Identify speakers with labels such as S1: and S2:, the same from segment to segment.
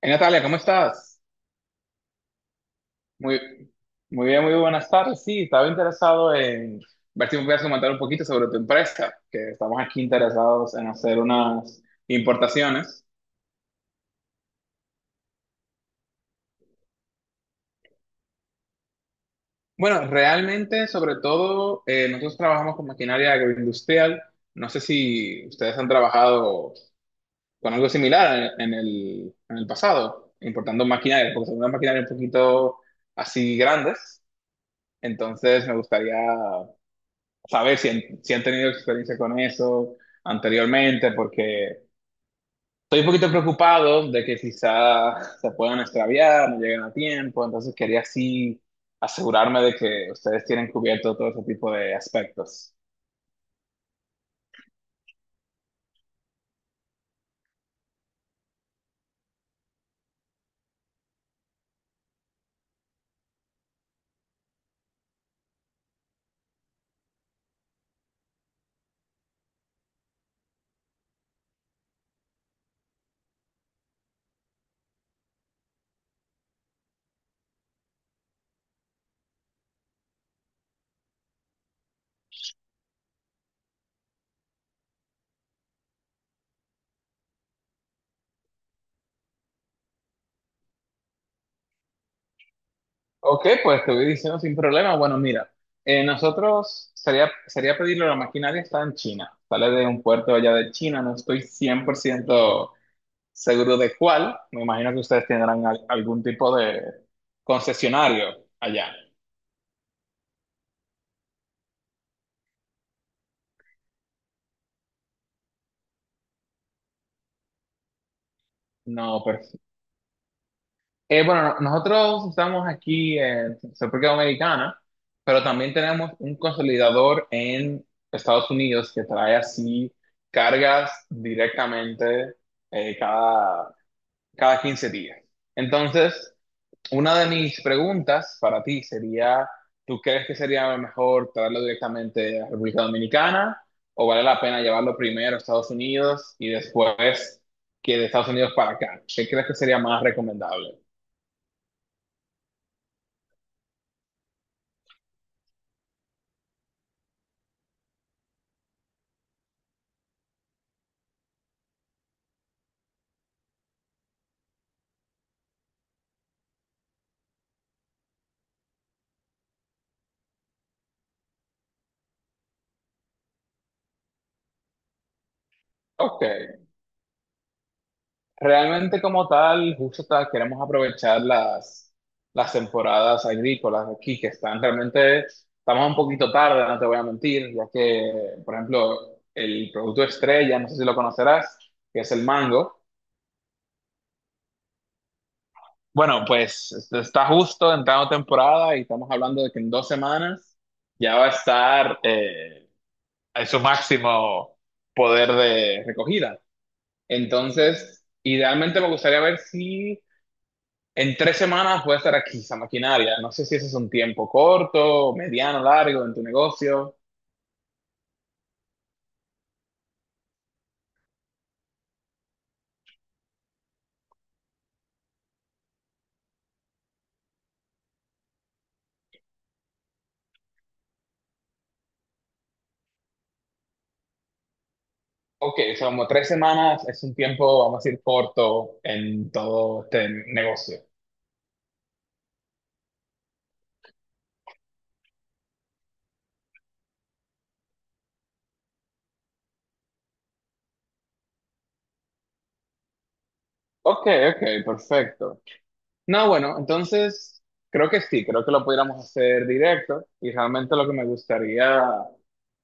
S1: Hey, Natalia, ¿cómo estás? Muy, muy bien, muy buenas tardes. Sí, estaba interesado en ver si me puedes comentar un poquito sobre tu empresa, que estamos aquí interesados en hacer unas importaciones. Bueno, realmente, sobre todo, nosotros trabajamos con maquinaria agroindustrial. No sé si ustedes han trabajado con algo similar en el pasado, importando maquinaria, porque son unas maquinarias un poquito así grandes. Entonces, me gustaría saber si han tenido experiencia con eso anteriormente, porque estoy un poquito preocupado de que quizá se puedan extraviar, no lleguen a tiempo, entonces quería así asegurarme de que ustedes tienen cubierto todo ese tipo de aspectos. Ok, pues te voy diciendo sin problema. Bueno, mira, nosotros sería pedirlo, la maquinaria está en China, sale de un puerto allá de China, no estoy 100% seguro de cuál. Me imagino que ustedes tendrán algún tipo de concesionario allá. No, pero bueno, no, nosotros estamos aquí en República Dominicana, pero también tenemos un consolidador en Estados Unidos que trae así cargas directamente eh, cada, cada 15 días. Entonces, una de mis preguntas para ti sería, ¿tú crees que sería mejor traerlo directamente a República Dominicana o vale la pena llevarlo primero a Estados Unidos y después que de Estados Unidos para acá? ¿Qué crees que sería más recomendable? Ok, realmente como tal, queremos aprovechar las temporadas agrícolas aquí que están realmente, estamos un poquito tarde, no te voy a mentir, ya que, por ejemplo, el producto estrella, no sé si lo conocerás, que es el mango. Bueno, pues este, está justo entrando temporada y estamos hablando de que en 2 semanas ya va a estar en su máximo poder de recogida. Entonces, idealmente me gustaría ver si en 3 semanas puede estar aquí esa maquinaria. No sé si ese es un tiempo corto, mediano, largo en tu negocio. Ok, o sea, como 3 semanas es un tiempo, vamos a decir, corto en todo este negocio. Ok, ok, perfecto. No, bueno, entonces creo que sí, creo que lo pudiéramos hacer directo y realmente lo que me gustaría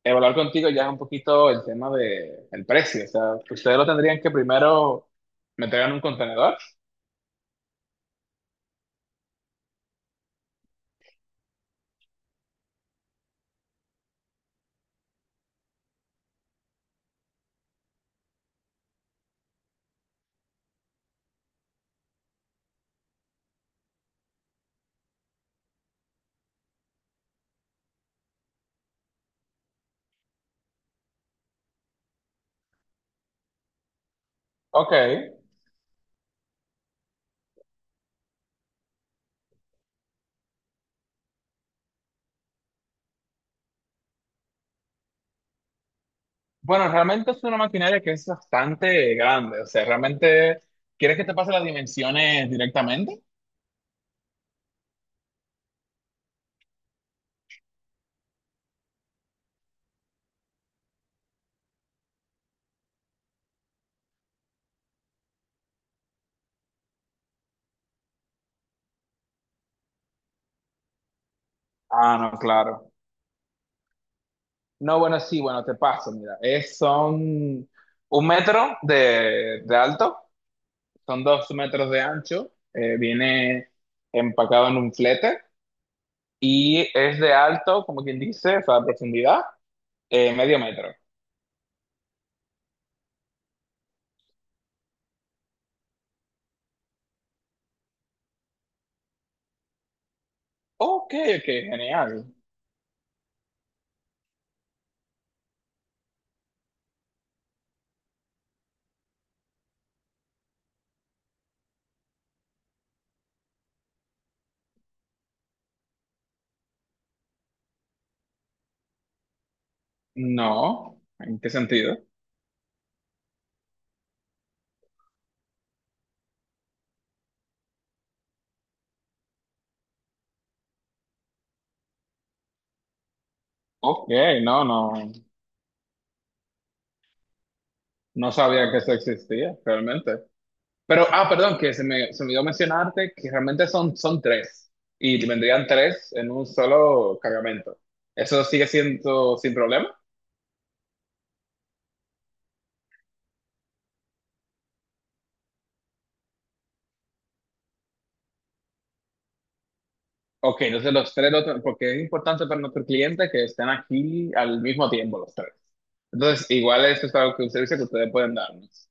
S1: evaluar contigo ya es un poquito el tema de el precio, o sea, ustedes lo tendrían que primero meter en un contenedor. Ok, bueno, realmente es una maquinaria que es bastante grande, o sea, realmente, ¿quieres que te pase las dimensiones directamente? Ah, no, claro. No, bueno, sí, bueno, te paso, mira, son un metro de alto, son dos metros de ancho, viene empacado en un flete y es de alto, como quien dice, o sea, profundidad, medio metro. Ok, ok, genial. No, ¿en qué sentido? Ok, no, no, no sabía que eso existía realmente. Pero, ah, perdón, que se me olvidó mencionarte que realmente son tres y vendrían tres en un solo cargamento. ¿Eso sigue siendo sin problema? Ok, entonces los tres, porque es importante para nuestro cliente que estén aquí al mismo tiempo los tres. Entonces, igual esto es algo que un servicio que ustedes pueden darnos.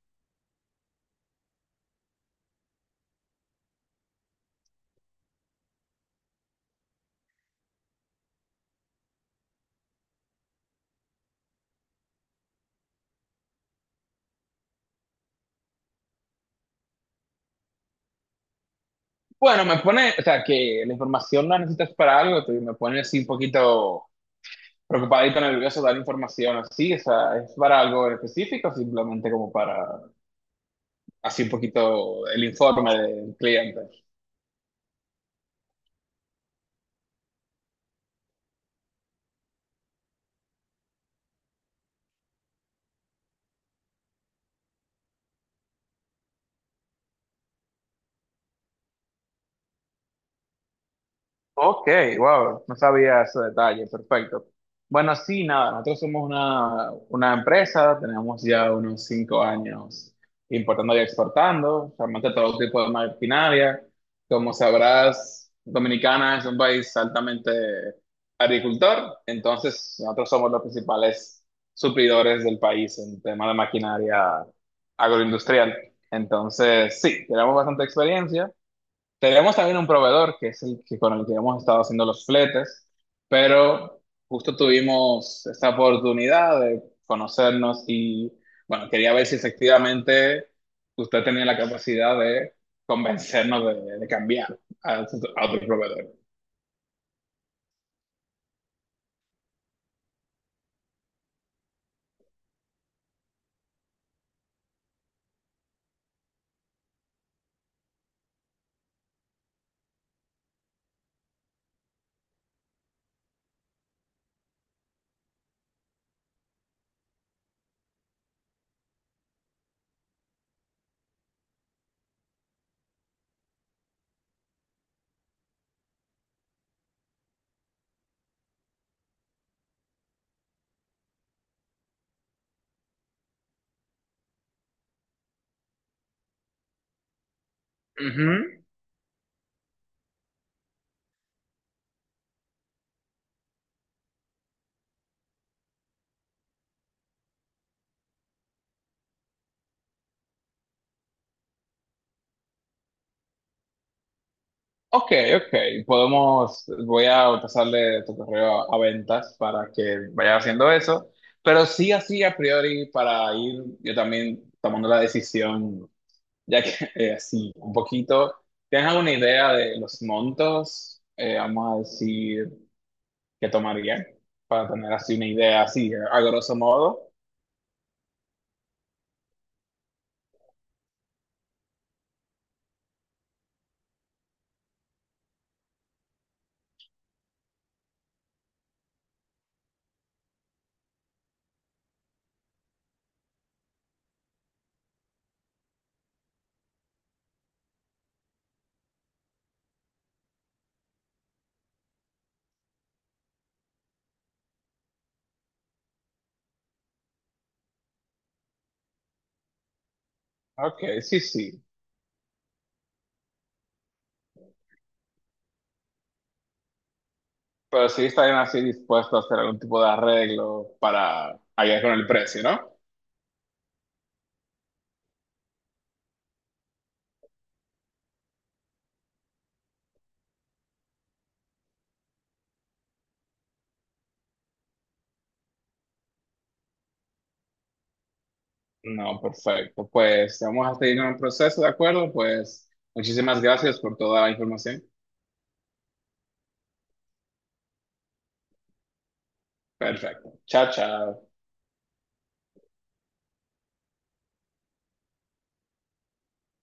S1: Bueno, me pone, o sea, que la información la necesitas para algo, me pone así un poquito preocupadito, nervioso dar información así, o sea, ¿es para algo específico, o simplemente como para, así un poquito el informe del cliente? Ok, wow, no sabía ese detalle, perfecto. Bueno, sí, nada, nosotros somos una empresa, tenemos ya unos 5 años importando y exportando, realmente todo tipo de maquinaria. Como sabrás, Dominicana es un país altamente agricultor, entonces nosotros somos los principales suplidores del país en tema de maquinaria agroindustrial. Entonces, sí, tenemos bastante experiencia. Tenemos también un proveedor que es el que con el que hemos estado haciendo los fletes, pero justo tuvimos esta oportunidad de conocernos y bueno, quería ver si efectivamente usted tenía la capacidad de convencernos de cambiar otro a otro proveedor. Ujú. Ok, ok, podemos, voy a pasarle tu correo a ventas para que vaya haciendo eso, pero sí así a priori para ir yo también tomando la decisión. Ya que así, un poquito, ¿tienes alguna idea de los montos, vamos a decir, que tomaría? Para tener así una idea, así, a grosso modo. Ok, sí, sí. Pero sí estarían así dispuestos a hacer algún tipo de arreglo para ayudar con el precio, ¿no? No, perfecto. Pues vamos a seguir con el proceso, ¿de acuerdo? Pues muchísimas gracias por toda la información. Perfecto. Chao, chao.